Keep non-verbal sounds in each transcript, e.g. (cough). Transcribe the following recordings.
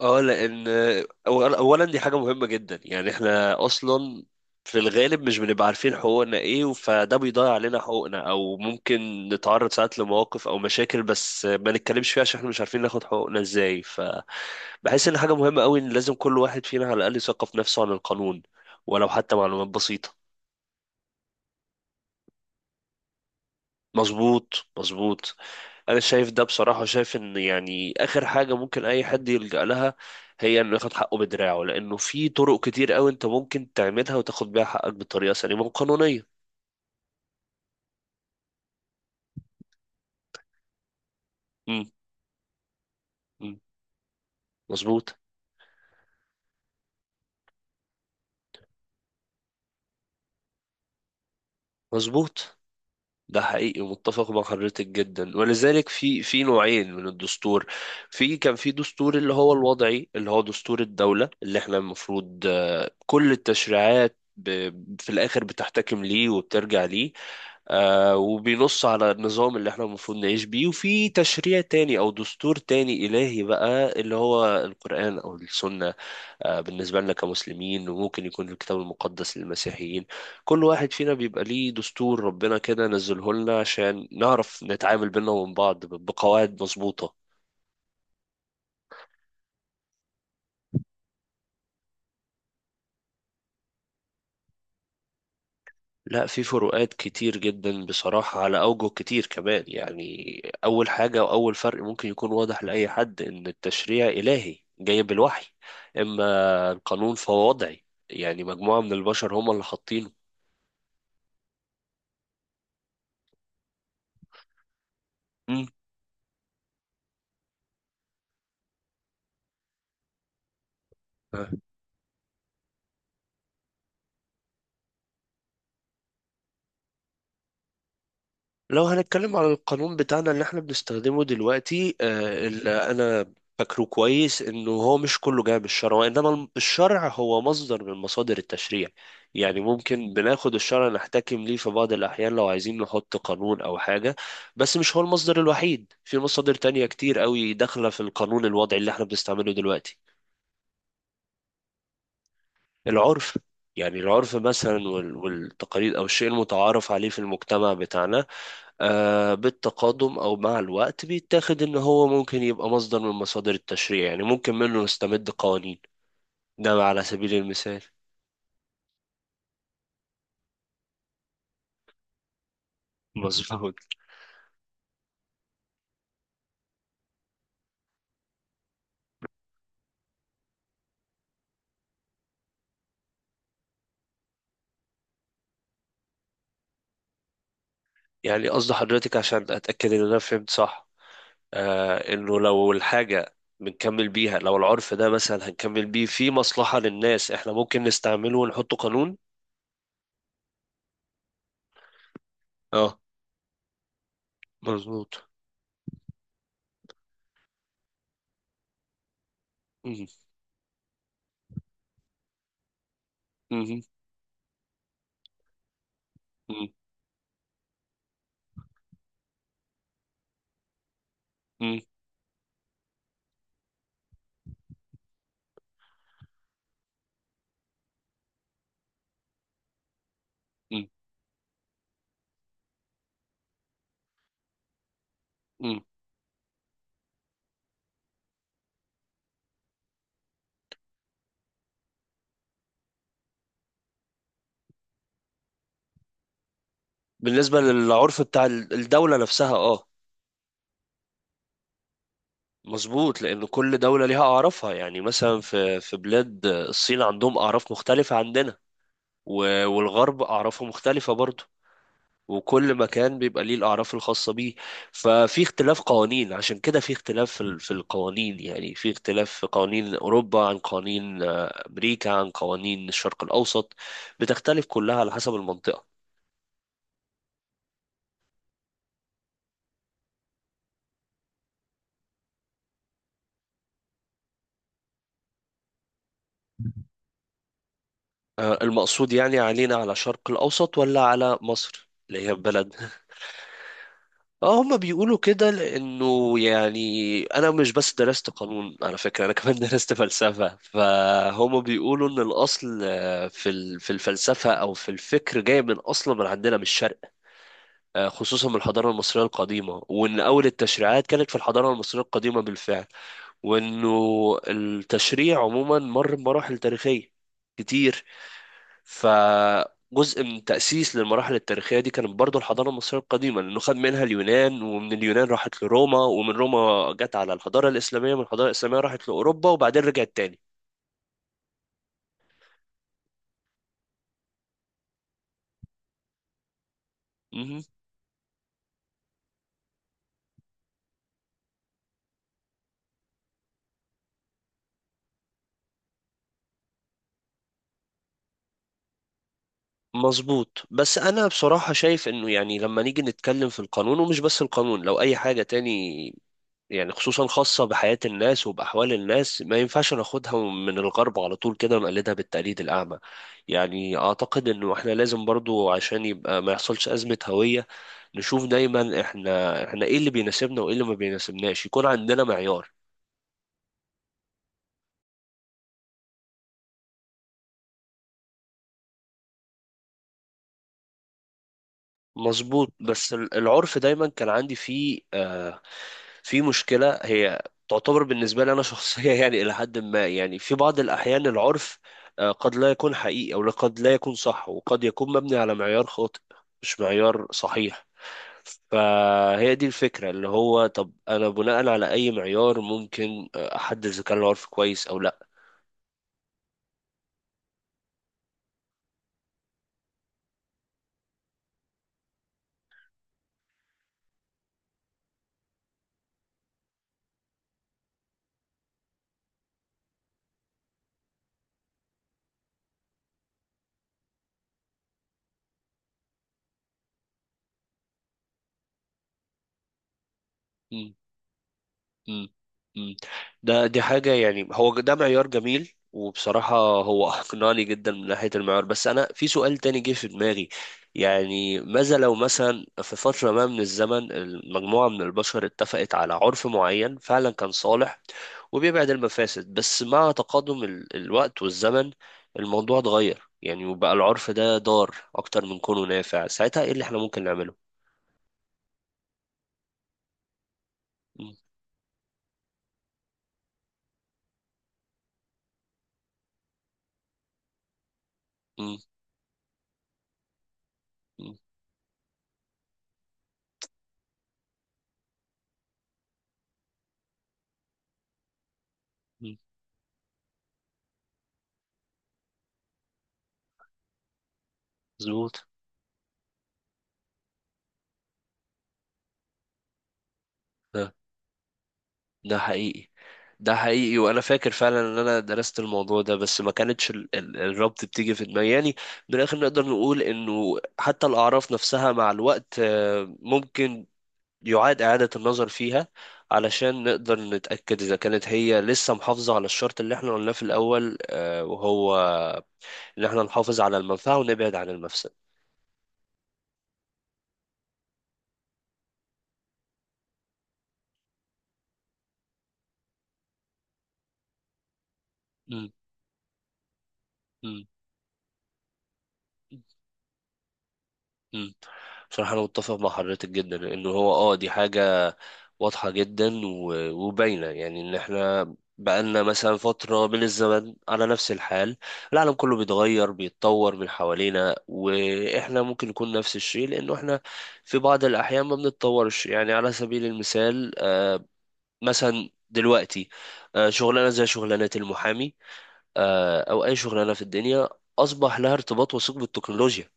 اه، لان اولا دي حاجه مهمه جدا، يعني احنا اصلا في الغالب مش بنبقى عارفين حقوقنا ايه، فده بيضيع علينا حقوقنا او ممكن نتعرض ساعات لمواقف او مشاكل بس ما نتكلمش فيها عشان احنا مش عارفين ناخد حقوقنا ازاي. فبحس ان حاجه مهمه قوي ان لازم كل واحد فينا على الاقل يثقف نفسه عن القانون، ولو حتى معلومات بسيطه. مظبوط، مظبوط. انا شايف ده بصراحة، شايف ان يعني اخر حاجة ممكن اي حد يلجأ لها هي انه ياخد حقه بدراعه، لانه في طرق كتير قوي انت ممكن تعملها وتاخد بيها حقك بطريقة سليمة وقانونية. امم. أمم. مظبوط. مظبوط. ده حقيقي، متفق مع حضرتك جدا. ولذلك في نوعين من الدستور. كان في دستور اللي هو الوضعي، اللي هو دستور الدولة اللي احنا المفروض كل التشريعات في الآخر بتحتكم ليه وبترجع ليه. وبينص على النظام اللي احنا المفروض نعيش بيه. وفي تشريع تاني او دستور تاني الهي بقى، اللي هو القرآن او السنة. بالنسبة لنا كمسلمين، وممكن يكون في الكتاب المقدس للمسيحيين. كل واحد فينا بيبقى ليه دستور ربنا كده نزله لنا عشان نعرف نتعامل بينا ومن بعض بقواعد مظبوطة. لا، في فروقات كتير جدا بصراحة على أوجه كتير كمان، يعني أول حاجة وأول فرق ممكن يكون واضح لأي حد إن التشريع إلهي جاي بالوحي، إما القانون فهو وضعي، يعني مجموعة من البشر هم اللي حاطينه. مم. لو هنتكلم على القانون بتاعنا اللي احنا بنستخدمه دلوقتي اللي انا فاكره كويس انه هو مش كله جاي من الشرع، وانما الشرع هو مصدر من مصادر التشريع. يعني ممكن بناخد الشرع نحتكم ليه في بعض الاحيان لو عايزين نحط قانون او حاجة، بس مش هو المصدر الوحيد، في مصادر تانية كتير قوي داخلة في القانون الوضعي اللي احنا بنستعمله دلوقتي. العرف. يعني العرف مثلا والتقاليد او الشيء المتعارف عليه في المجتمع بتاعنا، بالتقادم او مع الوقت بيتاخد ان هو ممكن يبقى مصدر من مصادر التشريع، يعني ممكن منه نستمد قوانين. ده على سبيل المثال. مظبوط. (laughs) يعني قصد حضرتك عشان اتاكد ان انا فهمت صح، آه انه لو الحاجه بنكمل بيها، لو العرف ده مثلا هنكمل بيه في مصلحه للناس، احنا ممكن نستعمله ونحطه قانون. اه. مظبوط. مهم. مهم. مهم. مهم. مهم. بالنسبه للعرف بتاع الدوله نفسها، اه. مظبوط، لأن كل دولة ليها أعرافها. يعني مثلا في بلاد الصين عندهم أعراف مختلفة عندنا، والغرب أعرافه مختلفة برضه، وكل مكان بيبقى ليه الأعراف الخاصة بيه. ففي اختلاف قوانين عشان كده، في اختلاف في القوانين، يعني في اختلاف في قوانين أوروبا عن قوانين أمريكا عن قوانين الشرق الأوسط، بتختلف كلها على حسب المنطقة. المقصود يعني علينا، على الشرق الأوسط ولا على مصر اللي هي بلد؟ اه، هما بيقولوا كده. لانه يعني انا مش بس درست قانون على فكره، انا كمان (laughs) درست فلسفه، فهما بيقولوا ان الاصل في الفلسفه او في الفكر جاي من اصلا من عندنا من الشرق، خصوصا من الحضاره المصريه القديمه. وان اول التشريعات كانت في الحضاره المصريه القديمه بالفعل. وانه التشريع عموما مر بمراحل تاريخيه كتير. فجزء من تأسيس للمراحل التاريخية دي كانت برضو الحضارة المصرية القديمة، لأنه خد منها اليونان، ومن اليونان راحت لروما، ومن روما جت على الحضارة الإسلامية، من الحضارة الإسلامية راحت لأوروبا، وبعدين رجعت تاني. مهم. مظبوط. بس أنا بصراحة شايف إنه يعني لما نيجي نتكلم في القانون، ومش بس القانون، لو أي حاجة تاني يعني خصوصا خاصة بحياة الناس وبأحوال الناس، ما ينفعش ناخدها من الغرب على طول كده ونقلدها بالتقليد الأعمى. يعني أعتقد إنه إحنا لازم برضو، عشان يبقى ما يحصلش أزمة هوية، نشوف دايما إحنا إيه اللي بيناسبنا وإيه اللي ما بيناسبناش، يكون عندنا معيار. مظبوط. بس العرف دايما كان عندي فيه آه، في مشكلة. هي تعتبر بالنسبة لي أنا شخصية، (laughs) يعني إلى حد ما، يعني في بعض الأحيان العرف آه قد لا يكون حقيقي أو قد لا يكون صح، وقد يكون مبني على معيار خاطئ، مش معيار صحيح. فهي دي الفكرة، اللي هو طب أنا بناء على أي معيار ممكن أحدد إذا كان العرف كويس أو لأ؟ مم. مم. ده دي حاجة، يعني هو ده معيار جميل، وبصراحة هو (laughs) أقنعني جدا من ناحية المعيار. بس أنا في سؤال تاني جه في دماغي، يعني ماذا لو مثلا في فترة ما من الزمن مجموعة من البشر اتفقت على عرف معين فعلا كان صالح وبيبعد المفاسد، بس مع تقادم الوقت والزمن الموضوع اتغير، يعني وبقى العرف ده ضار أكتر من كونه نافع. ساعتها إيه اللي إحنا ممكن نعمله؟ مم. مم. مم. مم. مظبوط. آه. ده حقيقي. ده حقيقي، وانا فاكر فعلا ان انا درست الموضوع ده، بس ما كانتش الربط بتيجي في دماغي. يعني من الاخر نقدر نقول انه حتى الاعراف نفسها مع الوقت ممكن يعاد اعادة النظر فيها، علشان نقدر نتأكد اذا كانت هي لسه محافظة على الشرط اللي احنا قلناه في الاول، وهو ان احنا نحافظ على المنفعة ونبعد عن المفسدة. م- م. مم. بصراحة أنا متفق مع حضرتك جدا إنه هو أه دي حاجة واضحة جدا وباينة، يعني إن إحنا بقالنا مثلا فترة من الزمن على نفس الحال، العالم كله بيتغير بيتطور من حوالينا، وإحنا ممكن نكون نفس الشيء، لأنه إحنا في بعض الأحيان ما بنتطورش. يعني على سبيل المثال مثلا دلوقتي شغلانة زي شغلانة المحامي، أو أي شغلانة في الدنيا، أصبح لها ارتباط وثيق بالتكنولوجيا.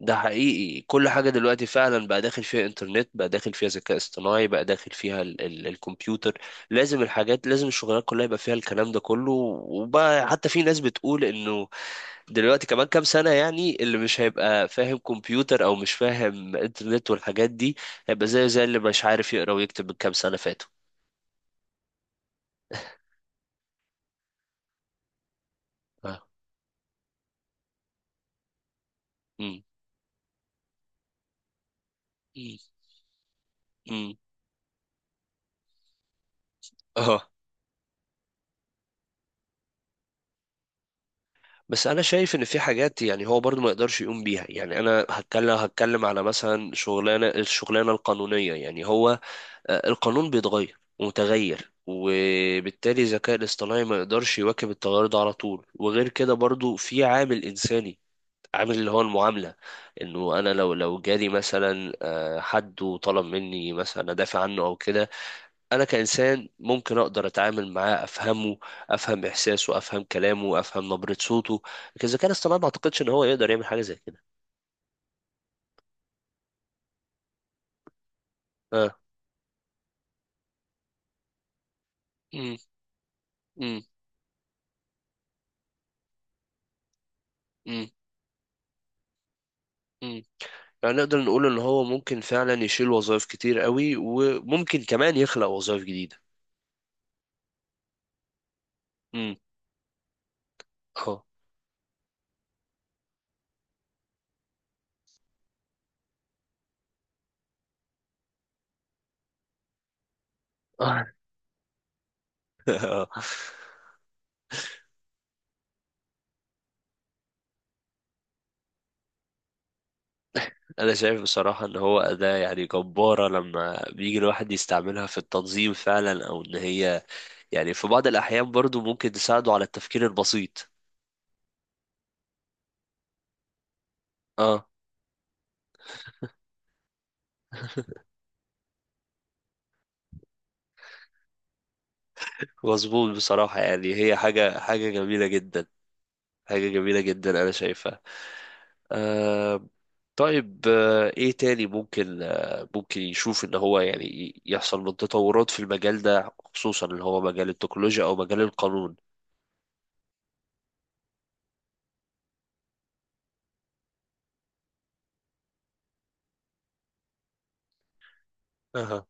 ده حقيقي، كل حاجة دلوقتي فعلا بقى داخل فيها انترنت، بقى داخل فيها ذكاء اصطناعي، بقى داخل فيها ال ال الكمبيوتر. لازم الحاجات، لازم الشغلات كلها يبقى فيها الكلام ده كله. وبقى حتى في ناس بتقول انه دلوقتي كمان كام سنة، يعني اللي مش هيبقى فاهم كمبيوتر او مش فاهم انترنت والحاجات دي، هيبقى زي اللي مش عارف يقرا ويكتب من كام سنة فاتوا. آه. مم. مم. مم. اه. بس انا شايف ان في حاجات، يعني هو برضو ما يقدرش يقوم بيها. يعني انا هتكلم على مثلا شغلانه، الشغلانه القانونيه، يعني هو القانون بيتغير ومتغير، وبالتالي الذكاء الاصطناعي ما يقدرش يواكب التغير ده على طول. وغير كده برضو في عامل انساني، عامل اللي هو المعامله. انه انا لو جالي مثلا حد وطلب مني مثلا ادافع عنه او كده، انا كانسان ممكن اقدر اتعامل معاه، افهمه، افهم احساسه، افهم كلامه، افهم نبرة صوته. لكن الذكاء الاصطناعي ما اعتقدش ان هو يقدر يعمل حاجة زي كده. اه. امم. امم. امم. امم. يعني نقدر نقول ان هو ممكن فعلا يشيل وظائف كتير قوي، وممكن كمان يخلق وظائف جديدة. امم. اه. (laughs) انا شايف بصراحة ان هو اداة يعني جبارة لما بيجي الواحد يستعملها في التنظيم فعلا، او ان هي يعني في بعض الاحيان برضو ممكن تساعده على التفكير البسيط. اه. مظبوط بصراحة، يعني هي حاجة جميلة جدا، حاجة جميلة جدا أنا شايفها. آه. طيب، إيه تاني ممكن ممكن يشوف إن هو يعني يحصل من تطورات في المجال ده، خصوصا اللي هو مجال التكنولوجيا أو مجال القانون؟ أها.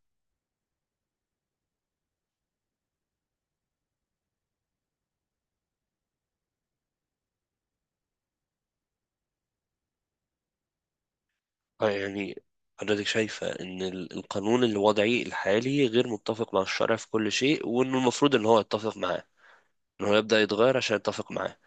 آه، يعني حضرتك شايفة إن القانون الوضعي الحالي غير متفق مع الشرع في كل شيء، وإنه المفروض إن هو يتفق معاه، إن هو يبدأ يتغير عشان يتفق معاه.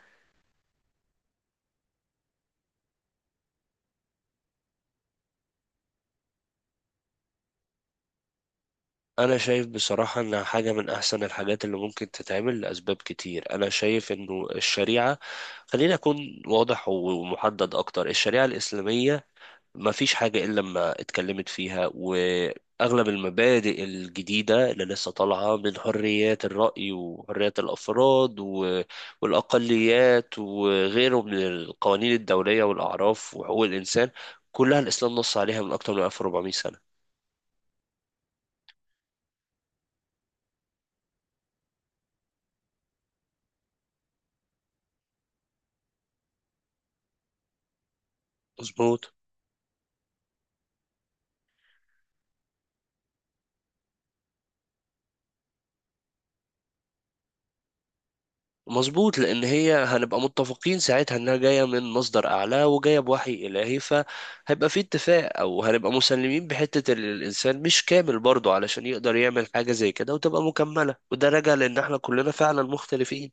انا شايف بصراحة انها حاجة من احسن الحاجات اللي ممكن تتعمل لاسباب كتير. انا شايف انه الشريعة، خليني اكون واضح ومحدد اكتر، الشريعة الاسلامية ما فيش حاجة الا لما اتكلمت فيها. واغلب المبادئ الجديدة اللي لسه طالعة من حريات الرأي وحريات الافراد والاقليات وغيره من القوانين الدولية والاعراف وحقوق الانسان، كلها الاسلام نص عليها من اكتر من 1400 سنة. مظبوط. مظبوط، لان هي هنبقى متفقين ساعتها انها جايه من مصدر اعلى وجايه بوحي الهي، فهيبقى في اتفاق. او هنبقى مسلمين بحته ان الانسان مش كامل برضه علشان يقدر يعمل حاجه زي كده، وتبقى مكمله. وده راجع لان احنا كلنا فعلا مختلفين.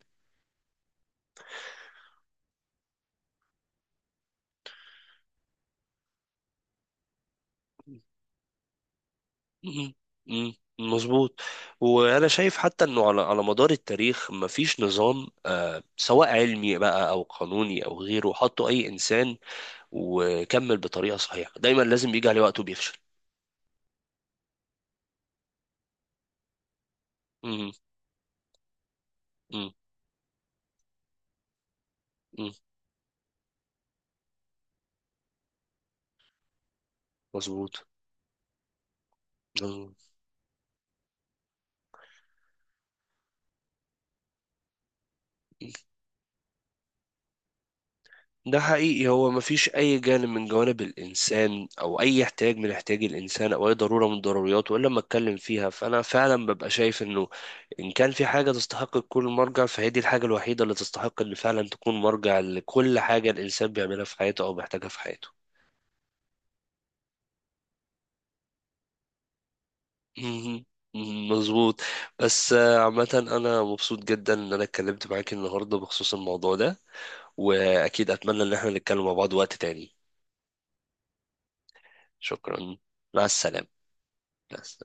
مم. مم. مظبوط. وانا شايف حتى انه على مدار التاريخ مفيش نظام آه سواء علمي بقى او قانوني او غيره حطه اي انسان وكمل بطريقه صحيحه، دايما لازم بيجي عليه وقت وبيفشل. مم. مم. مم. مظبوط. مظبوط. ده حقيقي، هو مفيش أي جانب من جوانب الإنسان أو أي احتياج من احتياج الإنسان أو أي ضرورة من ضرورياته إلا لما أتكلم فيها. فأنا فعلا ببقى شايف إنه إن كان في حاجة تستحق تكون مرجع، فهي دي الحاجة الوحيدة اللي تستحق إن فعلا تكون مرجع لكل حاجة الإنسان بيعملها في حياته أو بيحتاجها في حياته. مهم. مظبوط. بس عامة أنا مبسوط جدا إن أنا اتكلمت معاك النهاردة بخصوص الموضوع ده، وأكيد أتمنى إن احنا نتكلم مع بعض وقت تاني. شكرا. مع السلامة. بس.